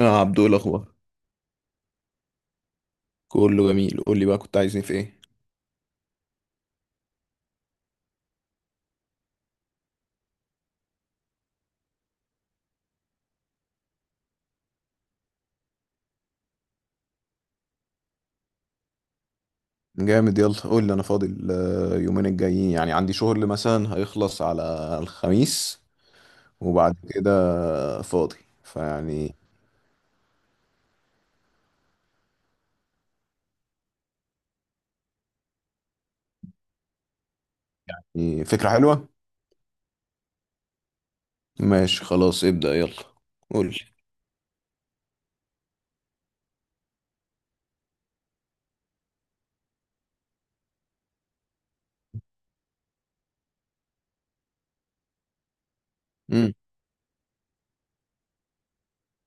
اه، عبدو، إيه الاخبار؟ كله جميل. قول لي بقى، كنت عايزني في ايه؟ جامد. يلا قول لي. انا فاضل يومين الجايين، يعني عندي شغل مثلا هيخلص على الخميس. وبعد كده فاضي فيعني. فكرة حلوة. ماشي، خلاص، ابدأ يلا. قول لي. مم.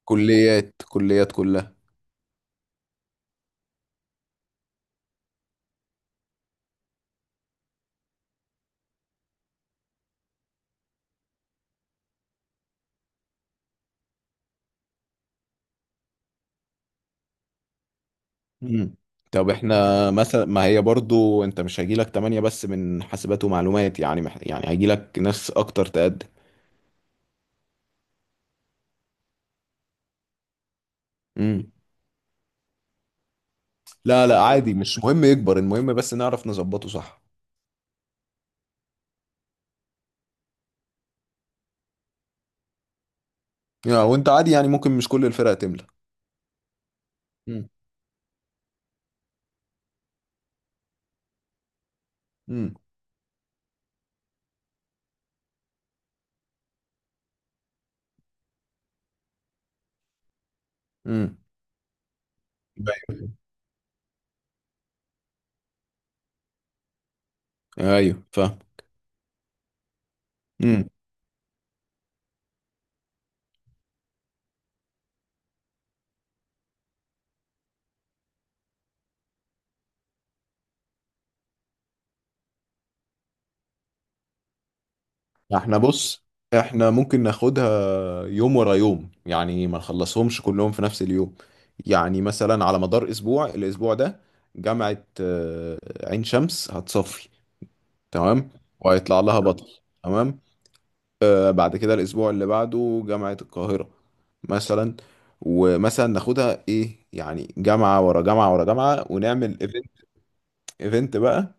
كليات كليات كلها. مم. طب احنا مثلا، ما هي برضو انت مش هيجيلك تمانية بس من حاسبات ومعلومات، يعني يعني هيجيلك ناس اكتر تقدم. لا، لا، عادي، مش مهم يكبر، المهم بس نعرف نظبطه صح. يعني وانت عادي، يعني ممكن مش كل الفرق تملى. امم. امم. امم. ايوه، أيوة، فاهم. امم. احنا بص، احنا ممكن ناخدها يوم ورا يوم، يعني ما نخلصهمش كلهم في نفس اليوم. يعني مثلا على مدار اسبوع، الاسبوع ده جامعة عين شمس هتصفي. تمام. وهيطلع لها بطل. تمام. بعد كده الاسبوع اللي بعده جامعة القاهرة مثلا. ومثلا ناخدها ايه، يعني جامعة ورا جامعة ورا جامعة، ونعمل ايفنت. ايفنت بقى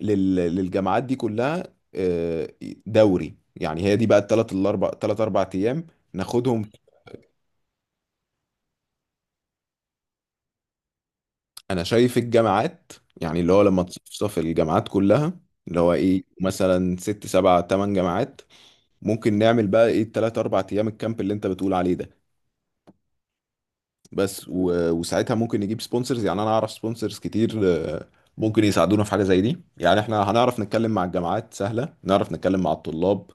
للجامعات دي كلها. آه، دوري يعني. هي دي بقى الثلاث الاربع، ثلاث اربع ايام ناخدهم. انا شايف الجامعات، يعني اللي هو لما تصفصف الجامعات كلها، اللي هو ايه مثلا ست سبع تمن جامعات، ممكن نعمل بقى ايه الثلاث اربع ايام الكامب اللي انت بتقول عليه ده. بس وساعتها ممكن نجيب سبونسرز، يعني انا اعرف سبونسرز كتير. آه، ممكن يساعدونا في حاجه زي دي، يعني احنا هنعرف نتكلم مع الجامعات سهله، نعرف نتكلم مع الطلاب.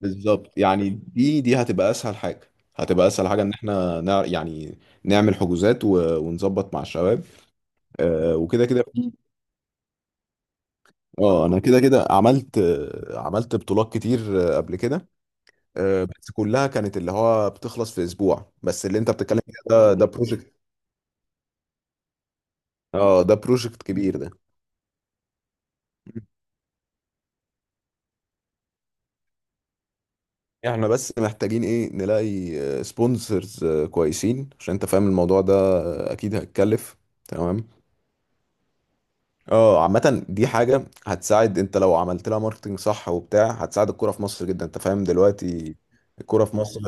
بالظبط، يعني دي هتبقى اسهل حاجه، هتبقى اسهل حاجه ان احنا يعني نعمل حجوزات ونظبط مع الشباب. وكده كده اه، انا كده كده عملت بطولات كتير قبل كده. بس كلها كانت اللي هو بتخلص في اسبوع، بس اللي انت بتتكلم فيه ده بروجكت. اه، ده بروجكت كبير ده. احنا بس محتاجين ايه، نلاقي سبونسرز كويسين، عشان انت فاهم الموضوع ده اكيد هيتكلف. تمام. اه، عامة دي حاجة هتساعد، انت لو عملت لها ماركتنج صح وبتاع هتساعد الكورة في مصر جدا، انت فاهم دلوقتي. الكورة في مصر.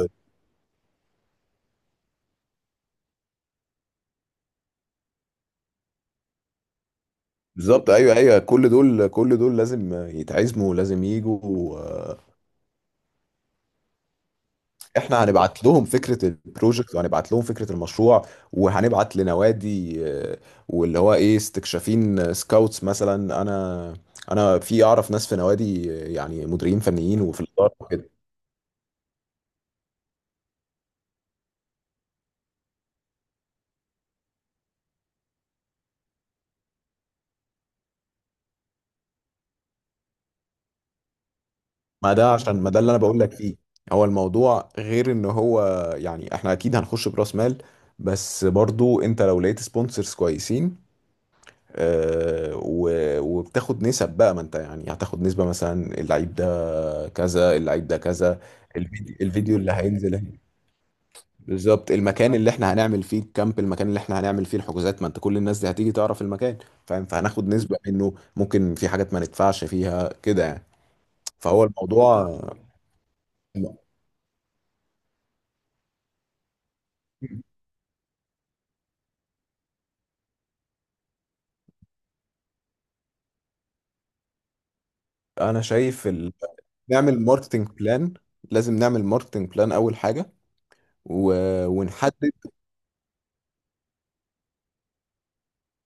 بالظبط، ايوه، ايوه، كل دول كل دول لازم يتعزموا، لازم يجوا. احنا هنبعت لهم فكره البروجكت، وهنبعت لهم فكره المشروع. وهنبعت لنوادي، واللي هو ايه استكشافين سكاوتس مثلا. انا في اعرف ناس في نوادي، يعني مديرين فنيين وفي الاداره وكده. ما ده، عشان ما ده اللي انا بقول لك فيه. هو الموضوع غير ان هو. يعني احنا اكيد هنخش براس مال، بس برضو انت لو لقيت سبونسرز كويسين، و- وبتاخد نسب بقى، ما انت يعني هتاخد نسبة مثلا، اللعيب ده كذا، اللعيب ده كذا. الفيديو اللي هينزل هنا. بالظبط، المكان اللي احنا هنعمل فيه الكامب، المكان اللي احنا هنعمل فيه الحجوزات، ما انت كل الناس دي هتيجي تعرف المكان، فاهم. فهناخد نسبة منه، ممكن في حاجات ما ندفعش فيها كده يعني. فهو الموضوع. انا شايف. نعمل ماركتنج بلان. لازم نعمل ماركتنج بلان اول حاجة و... ونحدد.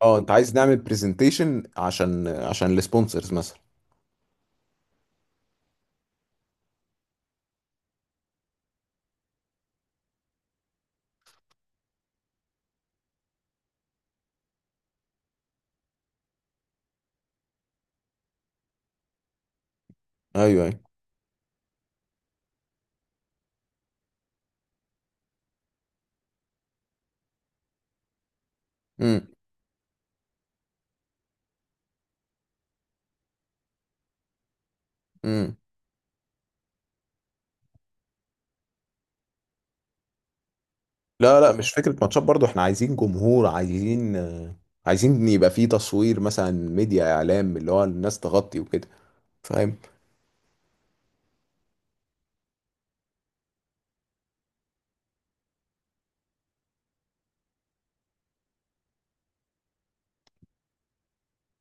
اه، انت عايز نعمل برزنتيشن عشان السبونسرز مثلا. ايوه، ايوه. امم. امم. لا، لا، مش فكره ماتشات، برضو احنا عايزين جمهور، عايزين يبقى فيه تصوير مثلا، ميديا اعلام، اللي هو الناس تغطي وكده، فاهم.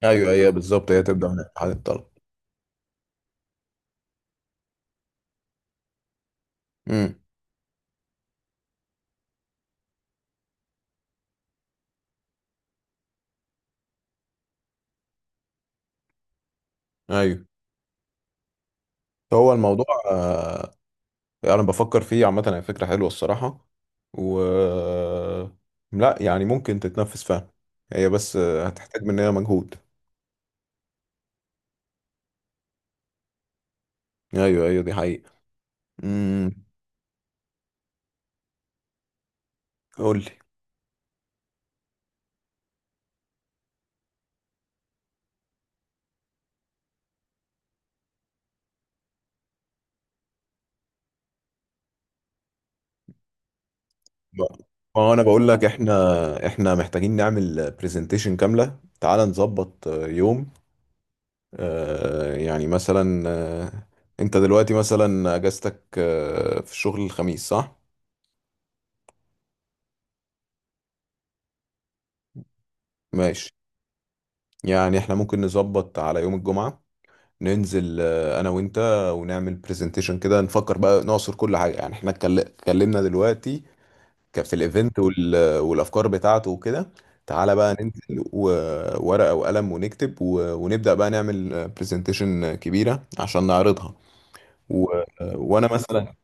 ايوه، ايوه، بالظبط، هي تبدا من اتحاد الطلب. امم. ايوه. هو الموضوع، آه، انا بفكر فيه عامه. هي فكره حلوه الصراحه، و لا يعني ممكن تتنفذ فعلا. هي بس هتحتاج مننا مجهود. ايوه، ايوه، دي حقيقه. امم. قول لي بقى. ما هو انا بقول لك، احنا محتاجين نعمل برزنتيشن كاملة. تعال نظبط يوم، يعني مثلا، انت دلوقتي مثلا اجازتك في الشغل الخميس صح؟ ماشي، يعني احنا ممكن نظبط على يوم الجمعة، ننزل انا وانت، ونعمل برزنتيشن كده، نفكر بقى، نعصر كل حاجة. يعني احنا اتكلمنا دلوقتي كان في الايفنت والافكار بتاعته وكده. تعالى بقى ننزل وورقة وقلم، ونكتب ونبدأ بقى نعمل برزنتيشن كبيرة عشان نعرضها و... وانا مثلا.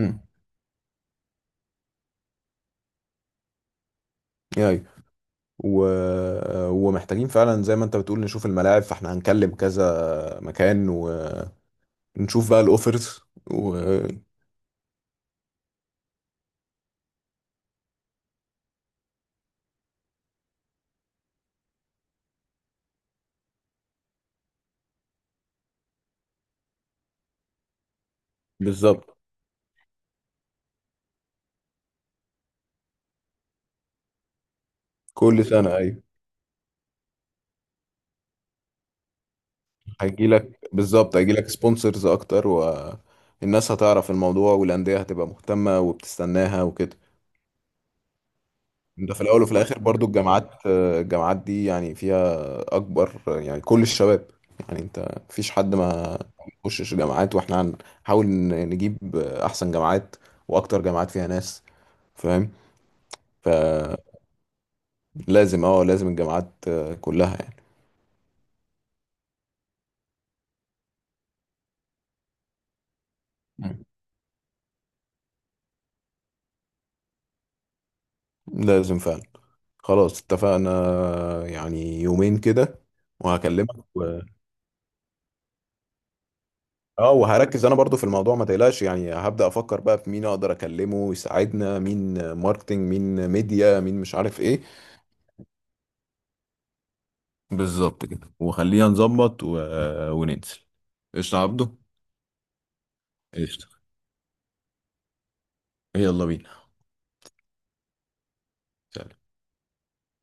مم. ايوه و... ومحتاجين فعلا زي ما انت بتقول نشوف الملاعب، فاحنا هنكلم كذا مكان، ونشوف بقى الاوفرز و... بالظبط. كل سنة. ايوه، هيجي لك بالظبط، هيجي لك سبونسرز اكتر، والناس هتعرف الموضوع، والاندية هتبقى مهتمة وبتستناها وكده. ده في الاول وفي الاخر، برضو الجامعات دي يعني فيها اكبر، يعني كل الشباب. يعني انت مفيش حد ما يخشش جامعات، واحنا هنحاول نجيب احسن جامعات، واكتر جامعات فيها ناس، فاهم. فلازم، اه لازم الجامعات كلها يعني. مم. لازم فعلا. خلاص اتفقنا، يعني يومين كده وهكلمك. اه، وهركز انا برضو في الموضوع، ما تقلقش، يعني هبدأ افكر بقى في مين اقدر اكلمه يساعدنا، مين ماركتينج، مين ميديا، مين مش عارف ايه. بالظبط كده، وخلينا نظبط وننزل. قشطة يا عبده. قشطة. يلا بينا. سلام.